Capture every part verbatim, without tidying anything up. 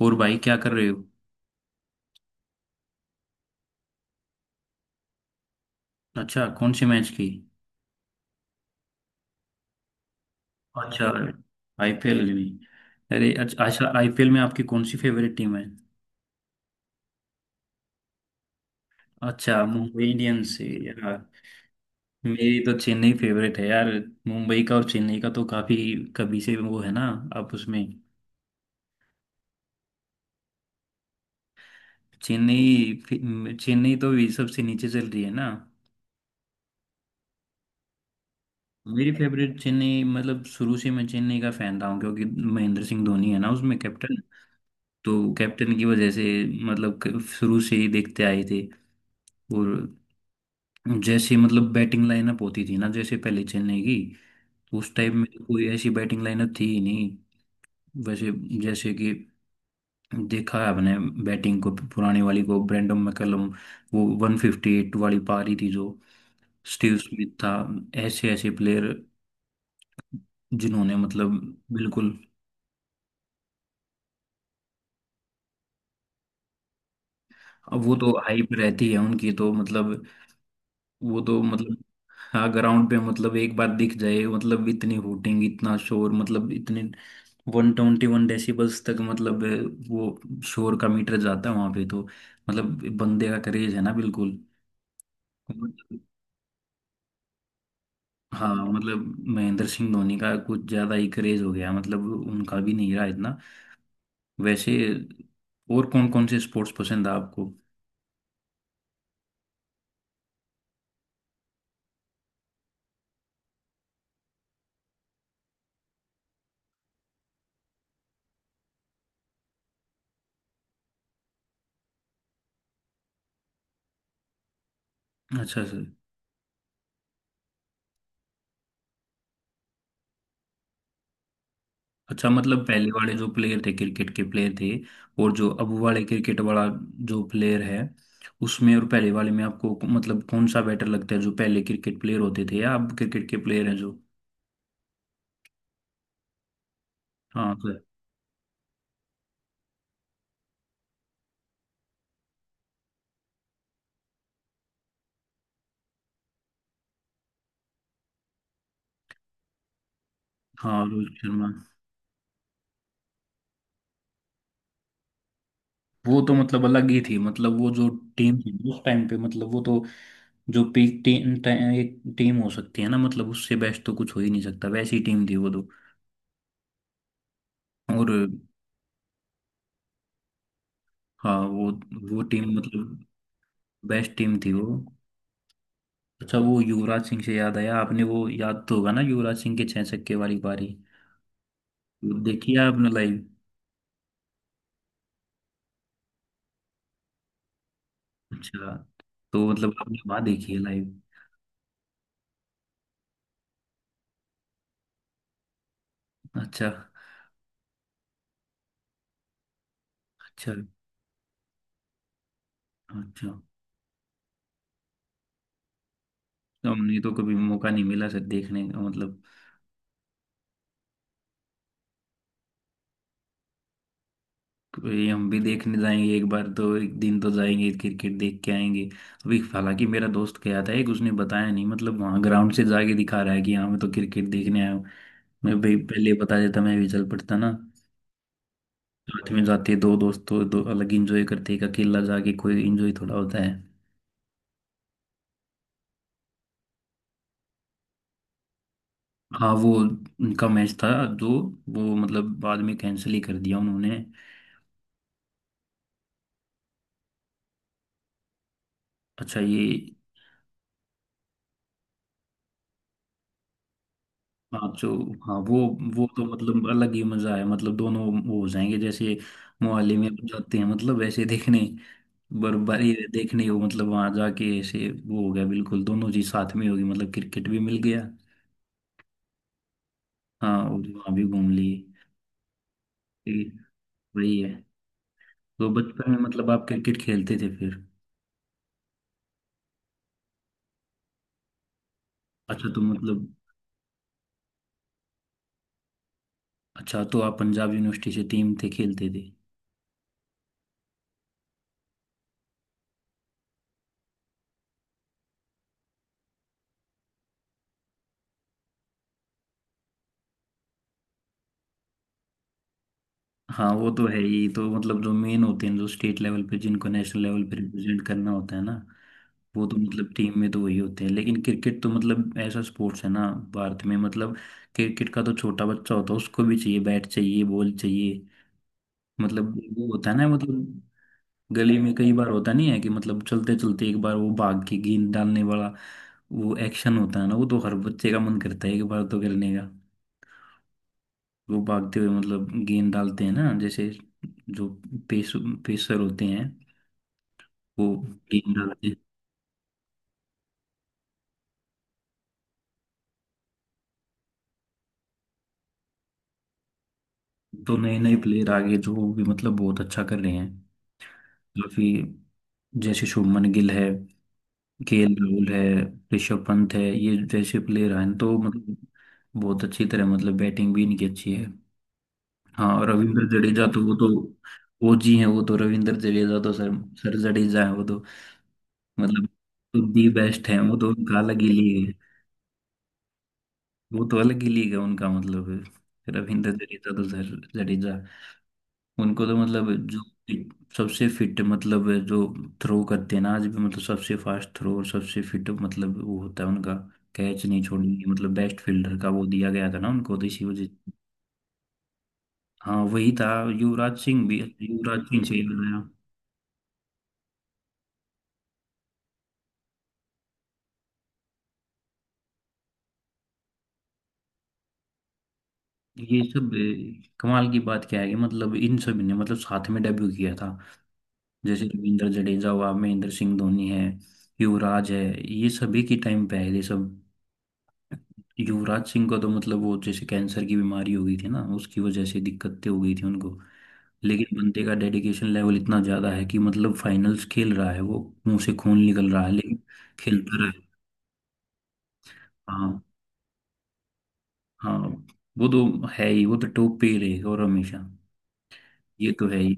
और भाई क्या कर रहे हो? अच्छा, कौन से मैच की? अच्छा, आईपीएल में। अरे अच्छा अच्छा, आईपीएल में आपकी कौन सी फेवरेट टीम है? अच्छा, मुंबई इंडियंस है यार। मेरी तो चेन्नई फेवरेट है यार। मुंबई का और चेन्नई का तो काफी कभी से वो है ना, आप उसमें। चेन्नई फि- चेन्नई तो भी सबसे नीचे चल रही है ना। मेरी फेवरेट चेन्नई, मतलब शुरू से मैं चेन्नई का फैन रहा हूँ, क्योंकि महेंद्र सिंह धोनी है ना उसमें कैप्टन। तो कैप्टन की वजह से मतलब क- शुरू से ही देखते आए थे। और जैसे मतलब बैटिंग लाइनअप होती थी ना जैसे पहले चेन्नई की, तो उस टाइम में तो कोई ऐसी बैटिंग लाइनअप थी ही नहीं। वैसे जैसे कि देखा है अपने बैटिंग को, पुराने वाली को, ब्रेंडन मैकलम, वो वन फिफ्टी एट वाली पारी थी जो। स्टीव स्मिथ था। ऐसे ऐसे प्लेयर जिन्होंने मतलब बिल्कुल। अब वो तो हाइप रहती है उनकी तो मतलब, वो तो मतलब हाँ, ग्राउंड पे मतलब एक बार दिख जाए, मतलब इतनी हूटिंग, इतना शोर, मतलब इतने वन ट्वेंटी वन डेसिबल्स तक, मतलब वो शोर का मीटर जाता है वहां पे। तो मतलब बंदे का क्रेज है ना, बिल्कुल। मतलब- हाँ मतलब महेंद्र सिंह धोनी का कुछ ज्यादा ही क्रेज हो गया, मतलब उनका भी नहीं रहा इतना। वैसे और कौन कौन से स्पोर्ट्स पसंद है आपको? अच्छा सर। अच्छा, मतलब पहले वाले जो प्लेयर थे क्रिकेट के प्लेयर थे, और जो अब वाले क्रिकेट वाला जो प्लेयर है, उसमें और पहले वाले में आपको क- मतलब कौन सा बेटर लगता है, जो पहले क्रिकेट प्लेयर होते थे या अब क्रिकेट के प्लेयर हैं जो? हाँ तो-। हाँ रोहित शर्मा। वो तो मतलब अलग ही थी, मतलब वो जो टीम थी उस टाइम पे, मतलब वो तो जो पीक टीम, एक टीम हो सकती है ना मतलब, उससे बेस्ट तो कुछ हो ही नहीं सकता, वैसी टीम थी वो तो। और हाँ वो वो टीम मतलब बेस्ट टीम थी वो। अच्छा, वो युवराज सिंह से याद आया आपने, वो याद तो होगा ना युवराज सिंह के छह छक्के वाली पारी? वो देखी है आपने लाइव? अच्छा, तो मतलब आपने वहां देखी है लाइव? अच्छा। अच्छा। अच्छा, तो हमने तो कभी मौका नहीं मिला सर देखने का मतलब। ये हम भी देखने जाएंगे एक बार, तो एक दिन तो जाएंगे क्रिकेट देख के आएंगे। अभी हालांकि मेरा दोस्त गया था एक, उसने बताया नहीं, मतलब वहाँ ग्राउंड से जाके दिखा रहा है कि हाँ मैं तो क्रिकेट देखने आया हूँ। मैं भाई पहले बता देता मैं भी चल पड़ता ना, साथ में जाते। दो दोस्त तो दो अलग इंजॉय करते, एक अकेला जाके कोई इंजॉय थोड़ा होता है। हाँ वो उनका मैच था जो, वो मतलब बाद में कैंसिल ही कर दिया उन्होंने। अच्छा। ये हाँ जो। हाँ वो। वो तो मतलब अलग ही मजा है, मतलब दोनों वो हो जाएंगे। जैसे मोहाली में जाते हैं मतलब ऐसे देखने, बर्फबारी देखने हो मतलब वहां जाके ऐसे वो हो गया, बिल्कुल दोनों चीज साथ में होगी, मतलब क्रिकेट भी मिल गया। हाँ और वहां भी घूम लिए। ये वही है। तो बचपन में मतलब आप क्रिकेट खेलते थे फिर? अच्छा तो मतलब। अच्छा तो आप पंजाब यूनिवर्सिटी से टीम थे खेलते थे? हाँ वो तो है ही, तो मतलब जो मेन होते हैं जो स्टेट लेवल पे, जिनको नेशनल लेवल पे रिप्रेजेंट करना होता है ना, वो तो मतलब टीम में तो वही होते हैं, लेकिन क्रिकेट तो मतलब ऐसा स्पोर्ट्स है ना। भारत में मतलब क्रिकेट का तो छोटा बच्चा होता है उसको भी चाहिए, बैट चाहिए बॉल चाहिए, मतलब वो होता है ना, मतलब गली में कई बार होता नहीं है कि मतलब चलते चलते एक बार वो भाग के गेंद डालने वाला, वो एक्शन होता है ना, वो तो हर बच्चे का मन करता है एक बार तो करने का। वो भागते हुए मतलब गेंद डालते हैं ना, जैसे जो पेस पेसर होते हैं, वो गेंद डालते हैं। तो नए नए प्लेयर आगे जो भी मतलब बहुत अच्छा कर रहे हैं काफी, जैसे शुभमन गिल है, केएल राहुल है, ऋषभ पंत है, ये जैसे प्लेयर हैं, तो मतलब बहुत अच्छी तरह मतलब बैटिंग भी इनकी अच्छी है। हाँ, और रविंद्र जडेजा तो वो तो, वो जी हैं वो तो, रविंद्र जडेजा तो सर, सर जडेजा है वो तो, मतलब दी बेस्ट है वो तो, उनका अलग ही लिए। वो तो अलग ही लीग है उनका, मतलब रविंद्र जडेजा तो जर- जडेजा, उनको तो मतलब जो सबसे फिट, मतलब जो थ्रो करते हैं ना आज भी, मतलब सबसे फास्ट थ्रो और सबसे फिट, मतलब वो होता है उनका। कैच नहीं छोड़ेंगे, मतलब बेस्ट फील्डर का वो दिया गया था ना उनको तो, इसी वजह। हाँ वही था, युवराज सिंह भी, युवराज सिंह से ही बनाया। ये सब ए, कमाल की बात क्या है कि मतलब इन सब ने मतलब साथ में डेब्यू किया था, जैसे रविंद्र जडेजा हुआ, महेंद्र सिंह धोनी है, युवराज है, ये सभी की टाइम पे है ये सब। युवराज सिंह को तो मतलब वो जैसे कैंसर की बीमारी हो गई थी ना, उसकी वजह से दिक्कतें हो गई थी उनको, लेकिन बंदे का डेडिकेशन लेवल इतना ज्यादा है कि मतलब फाइनल्स खेल रहा है वो, मुंह से खून निकल रहा है लेकिन खेलता रहा है। हाँ। हाँ वो तो है ही, वो तो टॉप पे ही रहेगा और हमेशा, ये तो है ही।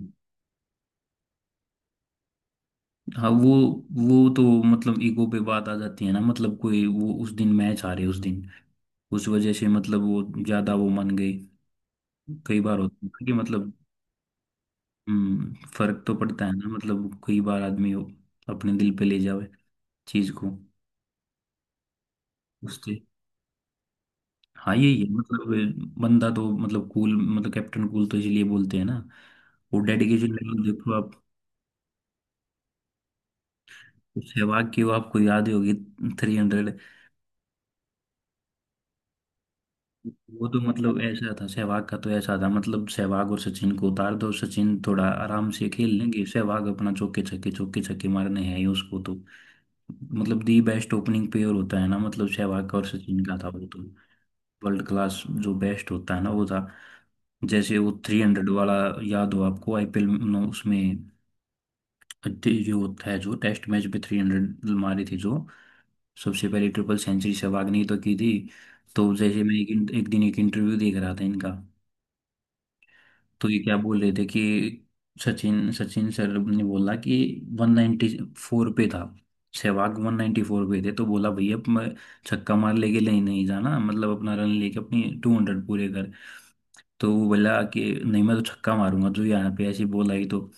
हाँ वो वो तो मतलब ईगो पे बात आ जाती है ना, मतलब कोई वो उस दिन मैच हारे उस दिन, उस वजह से मतलब वो ज्यादा वो मान गई। कई बार होता है ना कि मतलब हम्म, फर्क तो पड़ता है ना, मतलब कई बार आदमी वो अपने दिल पे ले जावे चीज को, उससे। हाँ यही है, मतलब बंदा तो मतलब कूल, मतलब कैप्टन कूल तो इसलिए बोलते हैं ना। वो डेडिकेशन लेवल देखो आप। सहवाग की वो आपको याद ही होगी, थ्री हंड्रेड। वो तो मतलब ऐसा था सहवाग का तो, ऐसा था मतलब सहवाग और सचिन को उतार दो, सचिन थोड़ा आराम से खेल लेंगे, सहवाग अपना चौके छक्के चौके छक्के मारने हैं ही उसको तो। मतलब दी बेस्ट ओपनिंग पेयर होता है ना, मतलब सहवाग और सचिन का था वो तो, वर्ल्ड क्लास जो बेस्ट होता है ना वो था। जैसे वो थ्री हंड्रेड वाला, याद हो आपको आईपीएल में उसमें, जो होता है जो टेस्ट मैच में थ्री हंड्रेड मारी थी जो, सबसे पहले ट्रिपल सेंचुरी सहवाग ने ही तो की थी। तो जैसे मैं एक, एक दिन एक इंटरव्यू देख रहा था इनका, तो ये क्या बोल रहे थे कि सचिन सचिन सर ने बोला कि वन नाइंटी फोर पे था, सहवाग वन नाइंटी फोर पे थे, तो बोला भैया अब मैं छक्का मार लेके नहीं नहीं जाना, मतलब अपना रन लेके अपनी टू हंड्रेड पूरे कर। तो वो बोला कि नहीं मैं तो छक्का मारूंगा, जो यहाँ पे ऐसी बॉल आई तो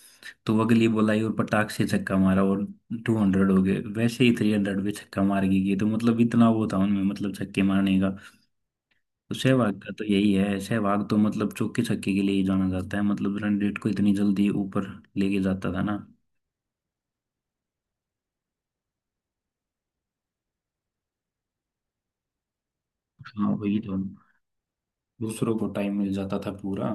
तो वो अगली बॉल आई और पटाख से छक्का मारा और टू हंड्रेड हो गए। वैसे ही थ्री हंड्रेड पे छक्का मार के गए, तो मतलब इतना वो था उनमें, मतलब छक्के मारने। तो सहवाग का तो यही है, सहवाग तो मतलब चौके छक्के के लिए ही जाना जाता है, मतलब रणजीत को इतनी जल्दी ऊपर लेके जाता था ना। हाँ वही तो, दूसरों को टाइम मिल जाता था पूरा।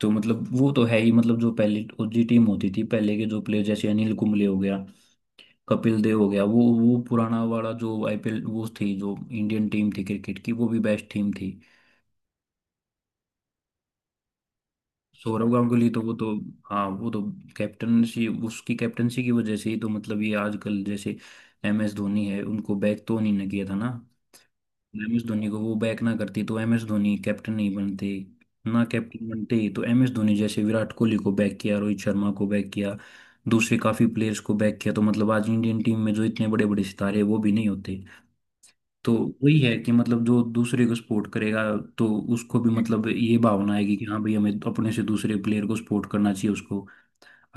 तो मतलब वो तो है ही, मतलब जो पहले ओजी टीम होती थी, पहले के जो प्लेयर जैसे अनिल कुंबले हो गया, कपिल देव हो गया, वो वो पुराना वाला जो आईपीएल, वो थी जो इंडियन टीम थी क्रिकेट की, वो भी बेस्ट टीम थी। सौरव गांगुली तो वो तो, हाँ वो तो, कैप्टनसी उसकी, कैप्टनसी की वजह से ही तो मतलब ये आजकल जैसे एम एस धोनी है उनको बैक तो नहीं ना किया था ना। एम एस धोनी को वो बैक ना करती तो एम एस धोनी कैप्टन नहीं बनते, ना कैप्टन बनते ही तो, एम एस धोनी जैसे विराट कोहली को बैक किया, रोहित शर्मा को बैक किया, दूसरे काफी प्लेयर्स को बैक किया, तो मतलब आज इंडियन टीम में जो इतने बड़े बड़े सितारे हैं वो भी नहीं होते। तो वही है कि मतलब जो दूसरे को सपोर्ट करेगा, तो उसको भी हम्म, मतलब ये भावना आएगी कि हाँ भाई हमें अपने से दूसरे प्लेयर को सपोर्ट करना चाहिए, उसको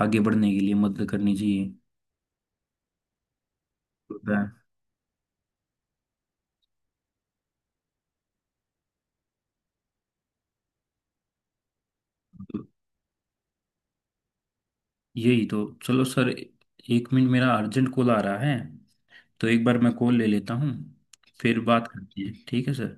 आगे बढ़ने के लिए मदद करनी चाहिए, होता है। तो यही तो, चलो सर एक मिनट मेरा अर्जेंट कॉल आ रहा है, तो एक बार मैं कॉल ले लेता हूँ, फिर बात करते हैं, ठीक है सर।